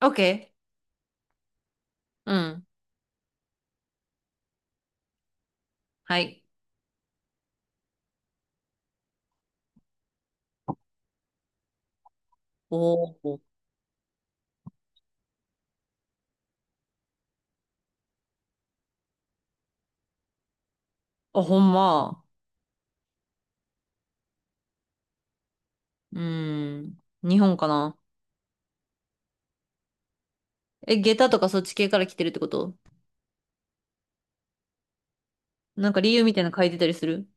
オッケー。うん。はい。おお。あ、ほんま。うん。日本かな。え、下駄とかそっち系から来てるってこと？なんか理由みたいなの書いてたりする？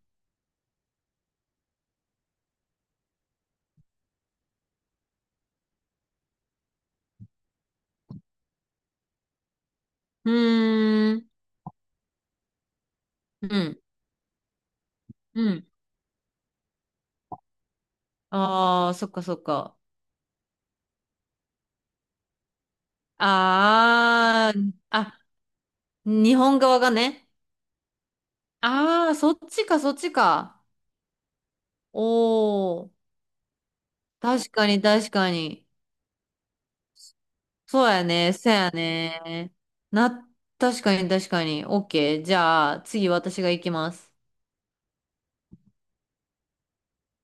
うーん。うん。うん。ああ、そっかそっか。ああ、あ、日本側がね。ああ、そっちかそっちか。おお。確かに確かに。そうやね。そうやね。な、確かに確かに。オッケー。じゃあ、次私が行きます。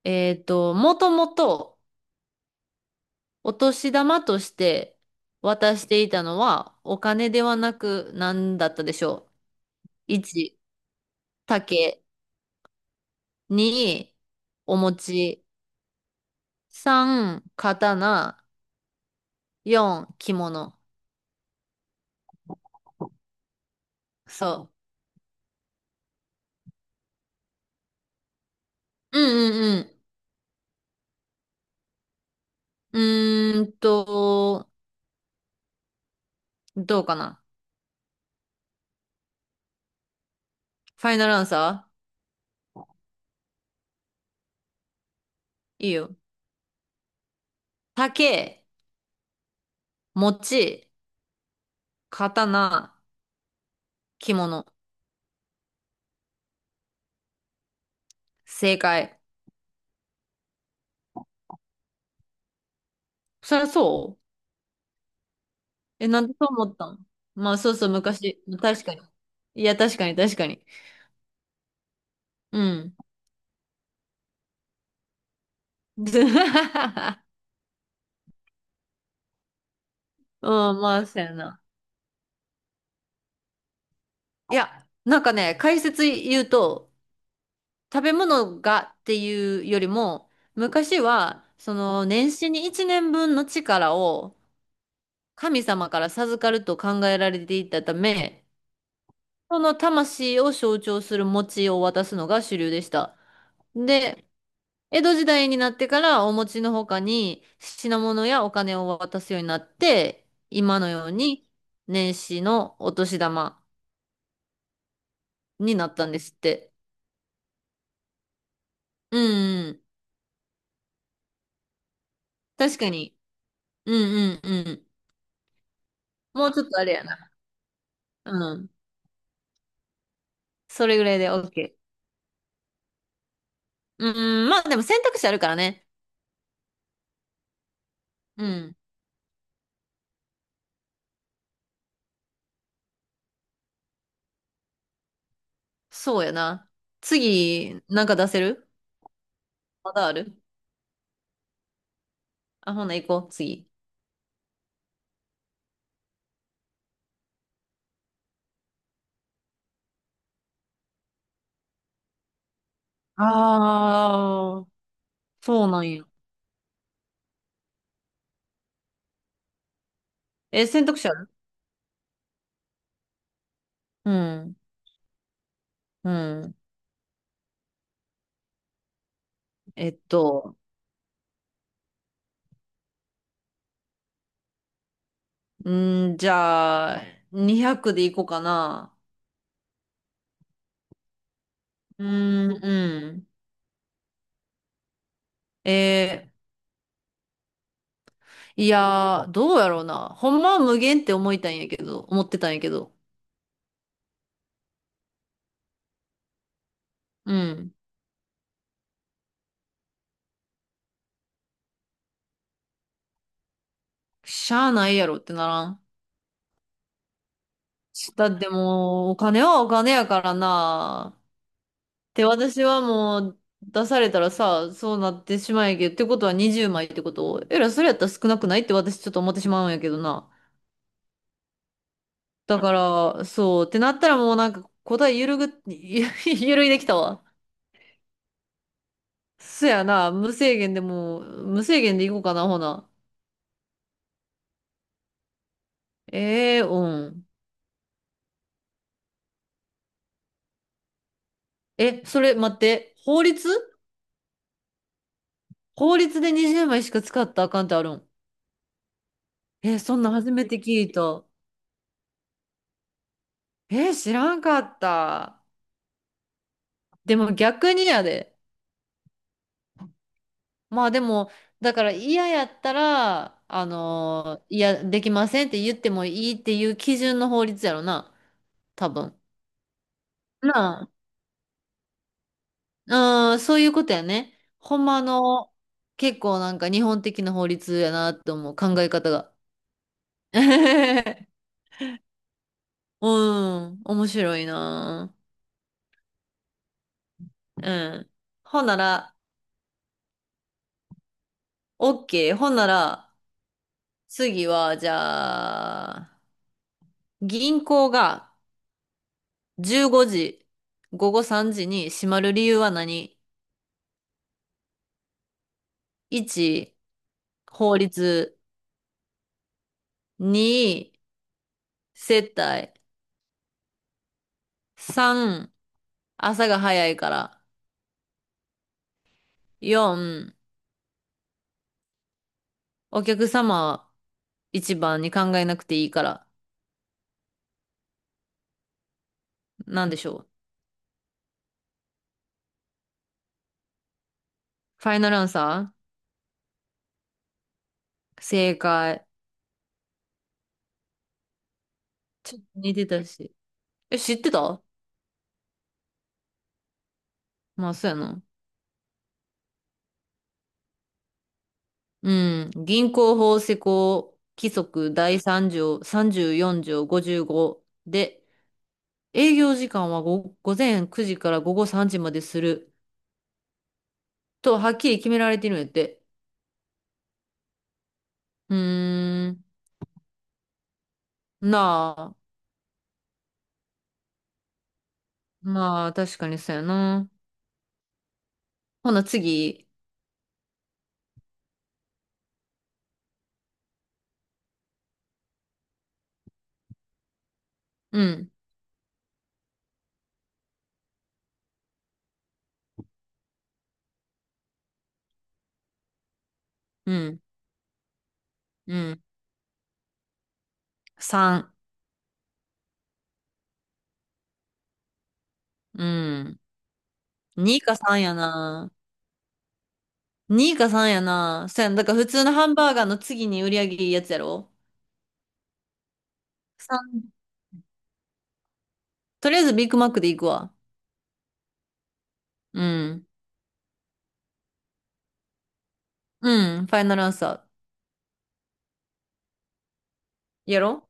もともとお年玉として渡していたのはお金ではなく何だったでしょう？1、竹。2、お餅。3、刀。4、着物。そう。うんうんうん。どうかな。ファイナルアンサー？いいよ。竹、餅、刀、着物。正解。そりゃそう。え、なんでそう思ったん？まあそうそう、昔。確かに。いや、確かに、確かに。うん。ずうん、まあ、そうやな。いや、なんかね、解説言うと、食べ物がっていうよりも、昔は、その、年始に1年分の力を神様から授かると考えられていたため、その魂を象徴する餅を渡すのが主流でした。で、江戸時代になってからお餅の他に品物やお金を渡すようになって、今のように年始のお年玉になったんですって。うんうん。確かに。うんうんうん。もうちょっとあれやな。うん。それぐらいで OK。うんうん。まあでも選択肢あるからね。うん。そうやな。次、なんか出せる？まだある？あ、ほな行こう、次。ああ、そうなんや。え、選択肢ある？うん。うん。えっと、じゃあ、200でいこうかな。うーん、うん。えいやー、どうやろうな。ほんまは無限って思ってたんやけど。うん。しゃあないやろってならん？だってもう、お金はお金やからな。って私はもう、出されたらさ、そうなってしまうんやけど、ってことは20枚ってことえら、それやったら少なくないって私ちょっと思ってしまうんやけどな。だから、そう、ってなったらもうなんか答えゆるぐ、ゆるいできたわ。そやな、無制限でもう、無制限でいこうかな、ほな。ええ、うん。え、それ待って、法律で20枚しか使ったらあかんってあるん？え、そんなん初めて聞いた。え、知らんかった。でも逆にやで。まあでも、だから嫌やったら、いや、できませんって言ってもいいっていう基準の法律やろな、多分。なうん、そういうことやね。ほんまの、結構なんか日本的な法律やなって思う考え方が。うん、面白いな。うん。ほんなら、OK。ほんなら、次は、じゃあ、銀行が15時、午後3時に閉まる理由は何？ 1、法律。2、接待。3、朝が早いから。4、お客様一番に考えなくていいから。なんでしょう。ファイナルアンサー？正解。ちょっと似てたし。え、知ってた？まあ、そうやな。うん。銀行法施行規則第3条、34条55で、営業時間は午前9時から午後3時まですると、はっきり決められてるんやって。うーん。なあ。まあ、確かにそうやな。ほな、次。うん。うん。うん。3。うん。2か3やな。2か3やな。そうやん。だから普通のハンバーガーの次に売り上げいいやつやろ？ 3。さん、とりあえずビッグマックで行くわ。うん。うん。ファイナルアンサー。やろ？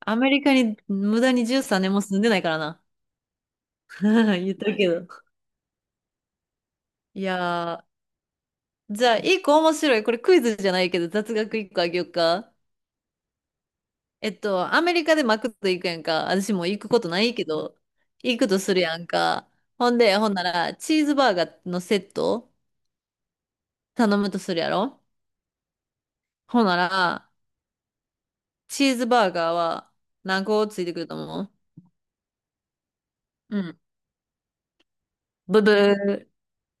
アメリカに無駄に13年も住んでないからな。言ったけど。いやー。じゃあ、一個面白い。これクイズじゃないけど、雑学一個あげようか。アメリカでマクド行くやんか。私も行くことないけど、行くとするやんか。ほんで、ほんなら、チーズバーガーのセット頼むとするやろ？ほなら、チーズバーガーは何個ついてくると思う？うん。ブブー。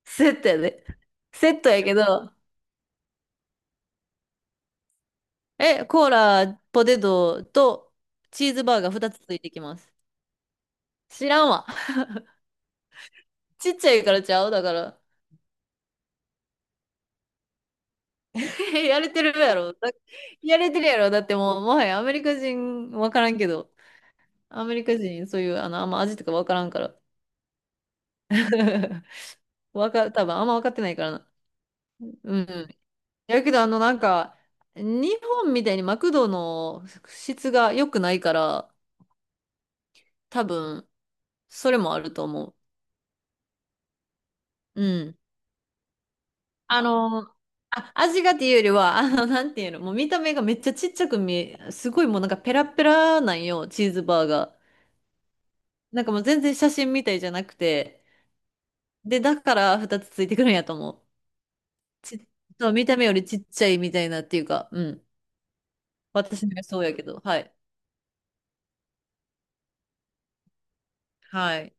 セットやで。セットやけど、え、コーラ、ポテトとチーズバーガー2つついてきます。知らんわ。ちっちゃいからちゃうだから。やれてるやろ。やれてるやろ。だってもう、もはやアメリカ人わからんけど、アメリカ人そういう、あんま味とかわからんから。多分あんま分かってないからな。うん。やけど、なんか、日本みたいにマクドの質が良くないから、多分、それもあると思う。うん。あの、あ、味がっていうよりは、なんていうの、もう見た目がめっちゃちっちゃく見え、すごいもうなんかペラペラなんよ、チーズバーが。なんかもう全然写真みたいじゃなくて。で、だから2つついてくるんやと思う。ち、そう、見た目よりちっちゃいみたいなっていうか、うん。私の予想やけど、はい。はい。